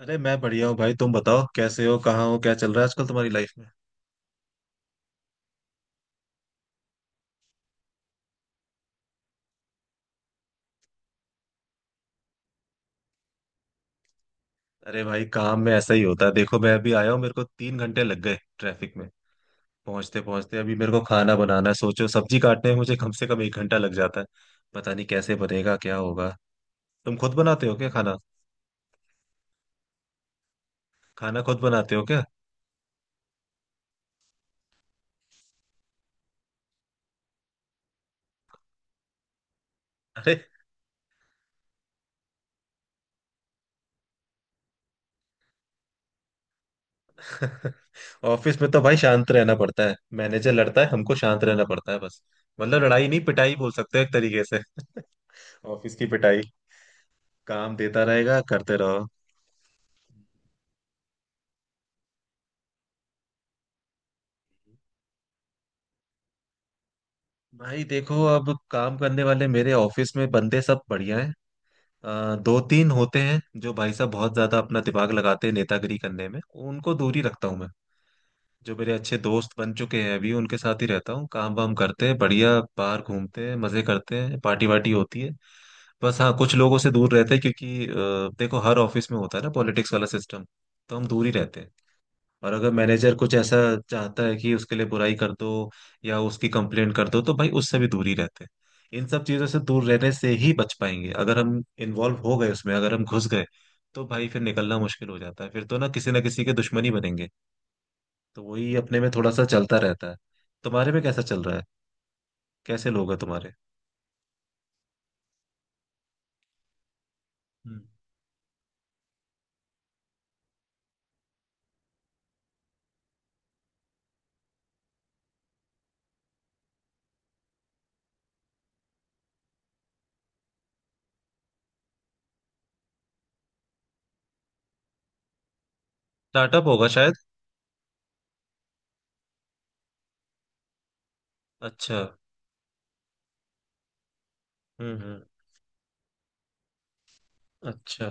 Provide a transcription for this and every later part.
अरे मैं बढ़िया हूँ भाई। तुम बताओ कैसे हो, कहाँ हो, क्या चल रहा है आजकल तुम्हारी लाइफ में। अरे भाई काम में ऐसा ही होता है। देखो मैं अभी आया हूँ, मेरे को 3 घंटे लग गए ट्रैफिक में। पहुंचते पहुंचते अभी मेरे को खाना बनाना है। सोचो सब्जी काटने में मुझे कम से कम 1 घंटा लग जाता है। पता नहीं कैसे बनेगा, क्या होगा। तुम खुद बनाते हो क्या खाना? खाना खुद बनाते हो क्या? अरे ऑफिस में तो भाई शांत रहना पड़ता है। मैनेजर लड़ता है, हमको शांत रहना पड़ता है बस। मतलब लड़ाई नहीं, पिटाई बोल सकते हो एक तरीके से। ऑफिस की पिटाई। काम देता रहेगा, करते रहो। भाई देखो अब काम करने वाले मेरे ऑफिस में बंदे सब बढ़िया हैं। दो तीन होते हैं जो भाई साहब बहुत ज्यादा अपना दिमाग लगाते हैं नेतागिरी करने में। उनको दूरी रखता हूँ मैं। जो मेरे अच्छे दोस्त बन चुके हैं अभी उनके साथ ही रहता हूँ। काम वाम करते हैं, बढ़िया बाहर घूमते हैं, मजे करते हैं, पार्टी वार्टी होती है। बस हाँ कुछ लोगों से दूर रहते हैं क्योंकि देखो हर ऑफिस में होता है ना पॉलिटिक्स वाला सिस्टम। तो हम दूर ही रहते हैं। और अगर मैनेजर कुछ ऐसा चाहता है कि उसके लिए बुराई कर दो या उसकी कंप्लेंट कर दो, तो भाई उससे भी दूर ही रहते हैं। इन सब चीजों से दूर रहने से ही बच पाएंगे। अगर हम इन्वॉल्व हो गए उसमें, अगर हम घुस गए तो भाई फिर निकलना मुश्किल हो जाता है। फिर तो ना किसी के दुश्मनी बनेंगे। तो वही अपने में थोड़ा सा चलता रहता है। तुम्हारे में कैसा चल रहा है? कैसे लोग हैं तुम्हारे? हम्म। स्टार्टअप होगा शायद। अच्छा। हम्म। अच्छा।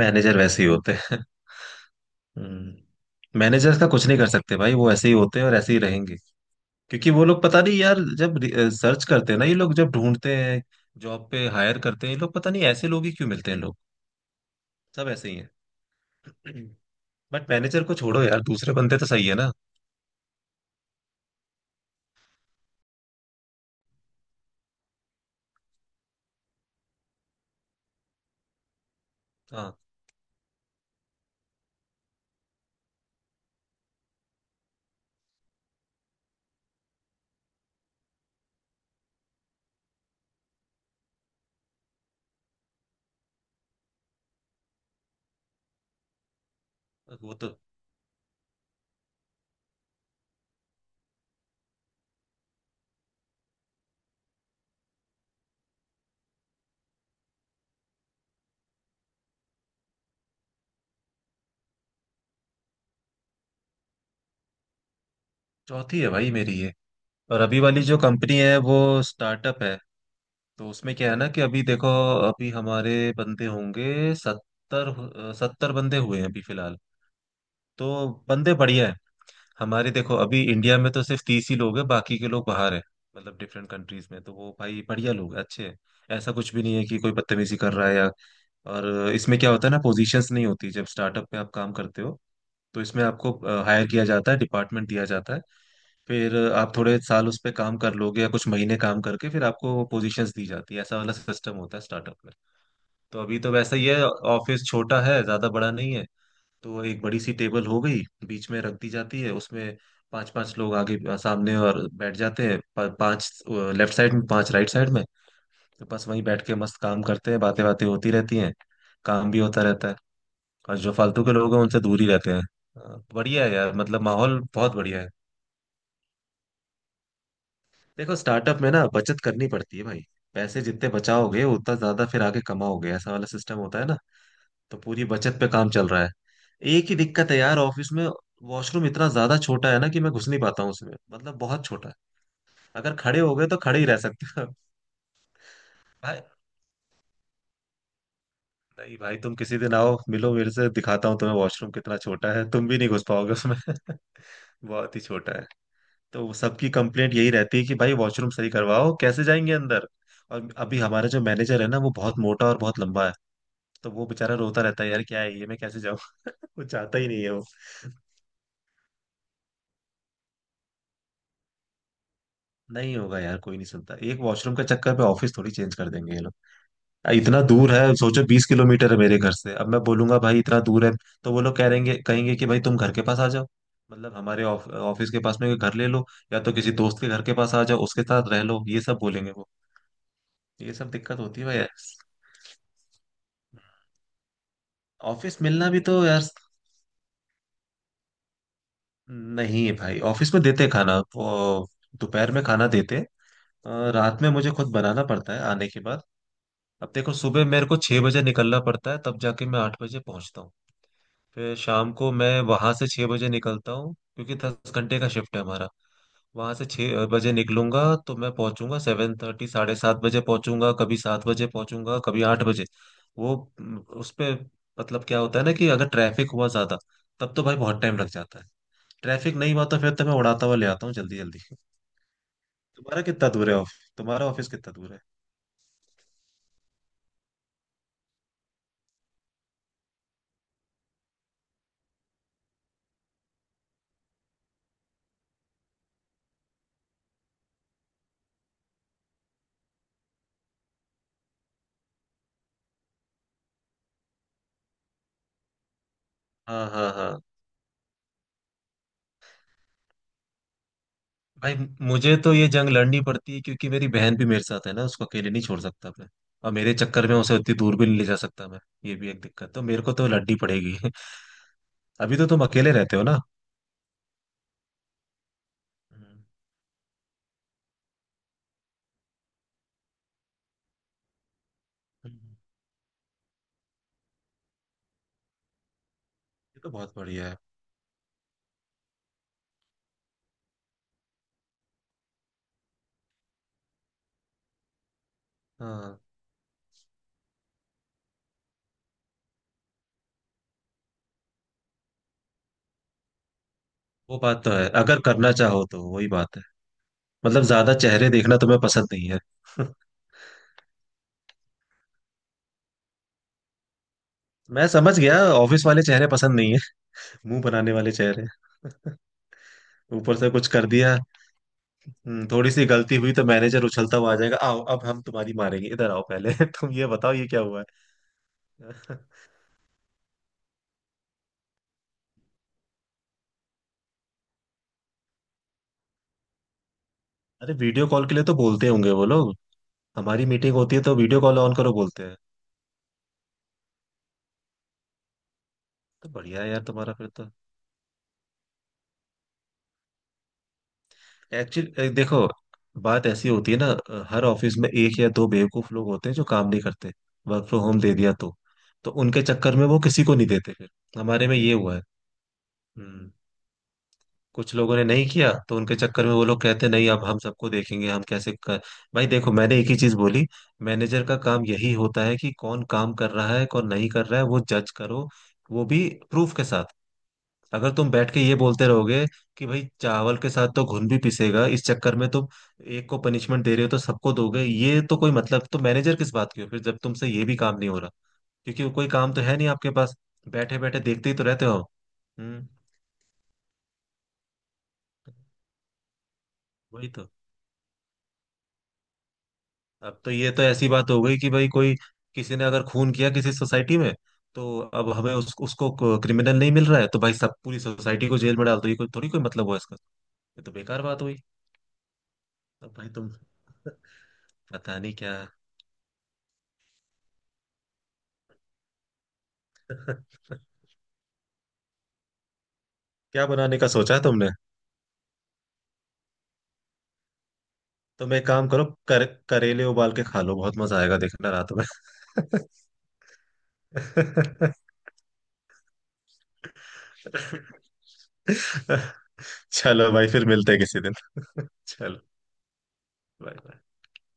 मैनेजर वैसे ही होते हैं। हम्म। मैनेजर्स का कुछ नहीं कर सकते भाई, वो ऐसे ही होते हैं और ऐसे ही रहेंगे। क्योंकि वो लोग पता नहीं यार, जब सर्च करते हैं ना ये लोग, जब ढूंढते हैं जॉब पे हायर करते हैं ये लोग, पता नहीं ऐसे लोग ही क्यों मिलते हैं लोग। सब ऐसे ही हैं। बट मैनेजर को छोड़ो यार, दूसरे बंदे तो सही है ना? हाँ वो तो। चौथी है भाई मेरी ये। और अभी वाली जो कंपनी है वो स्टार्टअप है। तो उसमें क्या है ना कि अभी देखो अभी हमारे बंदे होंगे सत्तर सत्तर बंदे हुए हैं अभी फिलहाल। तो बंदे बढ़िया है हमारे। देखो अभी इंडिया में तो सिर्फ 30 ही लोग हैं, बाकी के लोग बाहर हैं, मतलब डिफरेंट कंट्रीज में। तो वो भाई बढ़िया लोग हैं, अच्छे हैं। ऐसा कुछ भी नहीं है कि कोई बदतमीजी कर रहा है या। और इसमें क्या होता है ना, पोजीशंस नहीं होती जब स्टार्टअप में आप काम करते हो। तो इसमें आपको हायर किया जाता है, डिपार्टमेंट दिया जाता है, फिर आप थोड़े साल उस पर काम कर लोगे या कुछ महीने काम करके फिर आपको पोजीशंस दी जाती है। ऐसा वाला सिस्टम होता है स्टार्टअप में। तो अभी तो वैसा ही है। ऑफिस छोटा है, ज्यादा बड़ा नहीं है। तो एक बड़ी सी टेबल हो गई बीच में रख दी जाती है, उसमें पांच पांच लोग आगे सामने और बैठ जाते हैं। पांच लेफ्ट साइड में, पांच राइट साइड में। तो बस वहीं बैठ के मस्त काम करते हैं, बातें बातें होती रहती हैं, काम भी होता रहता है। और जो फालतू के लोग हैं उनसे दूर ही रहते हैं। बढ़िया है यार, मतलब माहौल बहुत बढ़िया है। देखो स्टार्टअप में ना बचत करनी पड़ती है भाई। पैसे जितने बचाओगे उतना ज्यादा फिर आगे कमाओगे, ऐसा वाला सिस्टम होता है ना। तो पूरी बचत पे काम चल रहा है। एक ही दिक्कत है यार ऑफिस में, वॉशरूम इतना ज्यादा छोटा है ना कि मैं घुस नहीं पाता हूँ उसमें, मतलब बहुत छोटा है। अगर खड़े हो गए तो खड़े ही रह सकते हो। भाई नहीं भाई, तुम किसी दिन आओ मिलो मेरे से, दिखाता हूँ तुम्हें वॉशरूम कितना छोटा है, तुम भी नहीं घुस पाओगे उसमें। बहुत ही छोटा है। तो सबकी कंप्लेंट यही रहती है कि भाई वॉशरूम सही करवाओ, कैसे जाएंगे अंदर। और अभी हमारा जो मैनेजर है ना, वो बहुत मोटा और बहुत लंबा है। तो वो बेचारा रोता रहता है यार, क्या है ये, मैं कैसे जाऊँ। वो चाहता ही नहीं है वो। नहीं होगा यार, कोई नहीं सुनता। एक वॉशरूम के चक्कर पे ऑफिस थोड़ी चेंज कर देंगे ये लोग। इतना दूर है, सोचो 20 किलोमीटर है मेरे घर से। अब मैं बोलूंगा भाई इतना दूर है, तो वो लोग कह रहेंगे कहेंगे कि भाई तुम घर के पास आ जाओ, मतलब हमारे ऑफिस के पास में कोई घर ले लो, या तो किसी दोस्त के घर के पास आ जाओ उसके साथ रह लो। ये सब बोलेंगे वो। ये सब दिक्कत होती है भाई यार। ऑफिस मिलना भी तो यार नहीं है भाई, ऑफिस में देते खाना वो। दोपहर में खाना देते। रात में मुझे खुद बनाना पड़ता है आने के बाद। अब देखो सुबह मेरे को 6 बजे निकलना पड़ता है, तब जाके मैं 8 बजे पहुंचता हूँ। फिर शाम को मैं वहां से 6 बजे निकलता हूँ क्योंकि 10 घंटे का शिफ्ट है हमारा। वहां से छह बजे निकलूंगा तो मैं पहुंचूंगा 7:30, 7:30 बजे पहुंचूंगा, कभी 7 बजे पहुंचूंगा, कभी 8 बजे। वो म, उस पे मतलब क्या होता है ना कि अगर ट्रैफिक हुआ ज्यादा, तब तो भाई बहुत टाइम लग जाता है। ट्रैफिक नहीं हुआ तो फिर तो मैं उड़ाता हुआ ले आता हूँ, जल्दी जल्दी। तुम्हारा कितना दूर है ऑफिस? तुम्हारा ऑफिस कितना दूर है? हाँ हाँ हाँ। भाई मुझे तो ये जंग लड़नी पड़ती है क्योंकि मेरी बहन भी मेरे साथ है ना, उसको अकेले नहीं छोड़ सकता मैं। और मेरे चक्कर में उसे उतनी दूर भी नहीं ले जा सकता मैं। ये भी एक दिक्कत तो मेरे को तो लड़नी पड़ेगी। अभी तो तुम अकेले रहते हो ना? हम्म। हम्म। ये तो बहुत बढ़िया है। हाँ वो बात तो है, अगर करना चाहो तो वही बात है। मतलब ज्यादा चेहरे देखना तुम्हें पसंद नहीं है। मैं समझ गया, ऑफिस वाले चेहरे पसंद नहीं है। मुंह बनाने वाले चेहरे। ऊपर से कुछ कर दिया। हम्म। थोड़ी सी गलती हुई तो मैनेजर उछलता हुआ आ जाएगा, आओ अब हम तुम्हारी मारेंगे, इधर आओ पहले। तुम ये बताओ ये क्या हुआ है। अरे वीडियो कॉल के लिए तो बोलते होंगे वो लोग। हमारी मीटिंग होती है तो वीडियो कॉल ऑन करो बोलते हैं। तो बढ़िया है यार तुम्हारा फिर तो। एक्चुअली देखो बात ऐसी होती है ना, हर ऑफिस में एक या दो बेवकूफ लोग होते हैं जो काम नहीं करते, वर्क फ्रॉम होम दे दिया तो। तो उनके चक्कर में वो किसी को नहीं देते फिर। हमारे में ये हुआ है। हम्म। कुछ लोगों ने नहीं किया तो उनके चक्कर में वो लोग कहते नहीं, अब हम सबको देखेंगे, हम कैसे कर। भाई देखो मैंने एक ही चीज बोली, मैनेजर का काम यही होता है कि कौन काम कर रहा है कौन नहीं कर रहा है वो जज करो, वो भी प्रूफ के साथ। अगर तुम बैठ के ये बोलते रहोगे कि भाई चावल के साथ तो घुन भी पिसेगा, इस चक्कर में तुम एक को पनिशमेंट दे रहे हो तो सबको दोगे, ये तो कोई मतलब, तो मैनेजर किस बात की हो फिर, जब तुमसे ये भी काम नहीं हो रहा। क्योंकि वो कोई काम तो है नहीं आपके पास, बैठे बैठे देखते ही तो रहते हो। हम्म। वही तो। अब तो ये तो ऐसी बात हो गई कि भाई कोई, किसी ने अगर खून किया किसी सोसाइटी में, तो अब हमें उसको क्रिमिनल नहीं मिल रहा है तो भाई सब पूरी सोसाइटी को जेल में डाल दो, ये कोई थोड़ी कोई मतलब हुआ इसका। ये तो बेकार बात हुई। अब भाई तुम पता नहीं क्या। क्या बनाने का सोचा है तुमने? तुम एक काम करो, करेले उबाल के खा लो, बहुत मजा आएगा देखना रात में। चलो भाई फिर मिलते हैं किसी दिन। चलो बाय।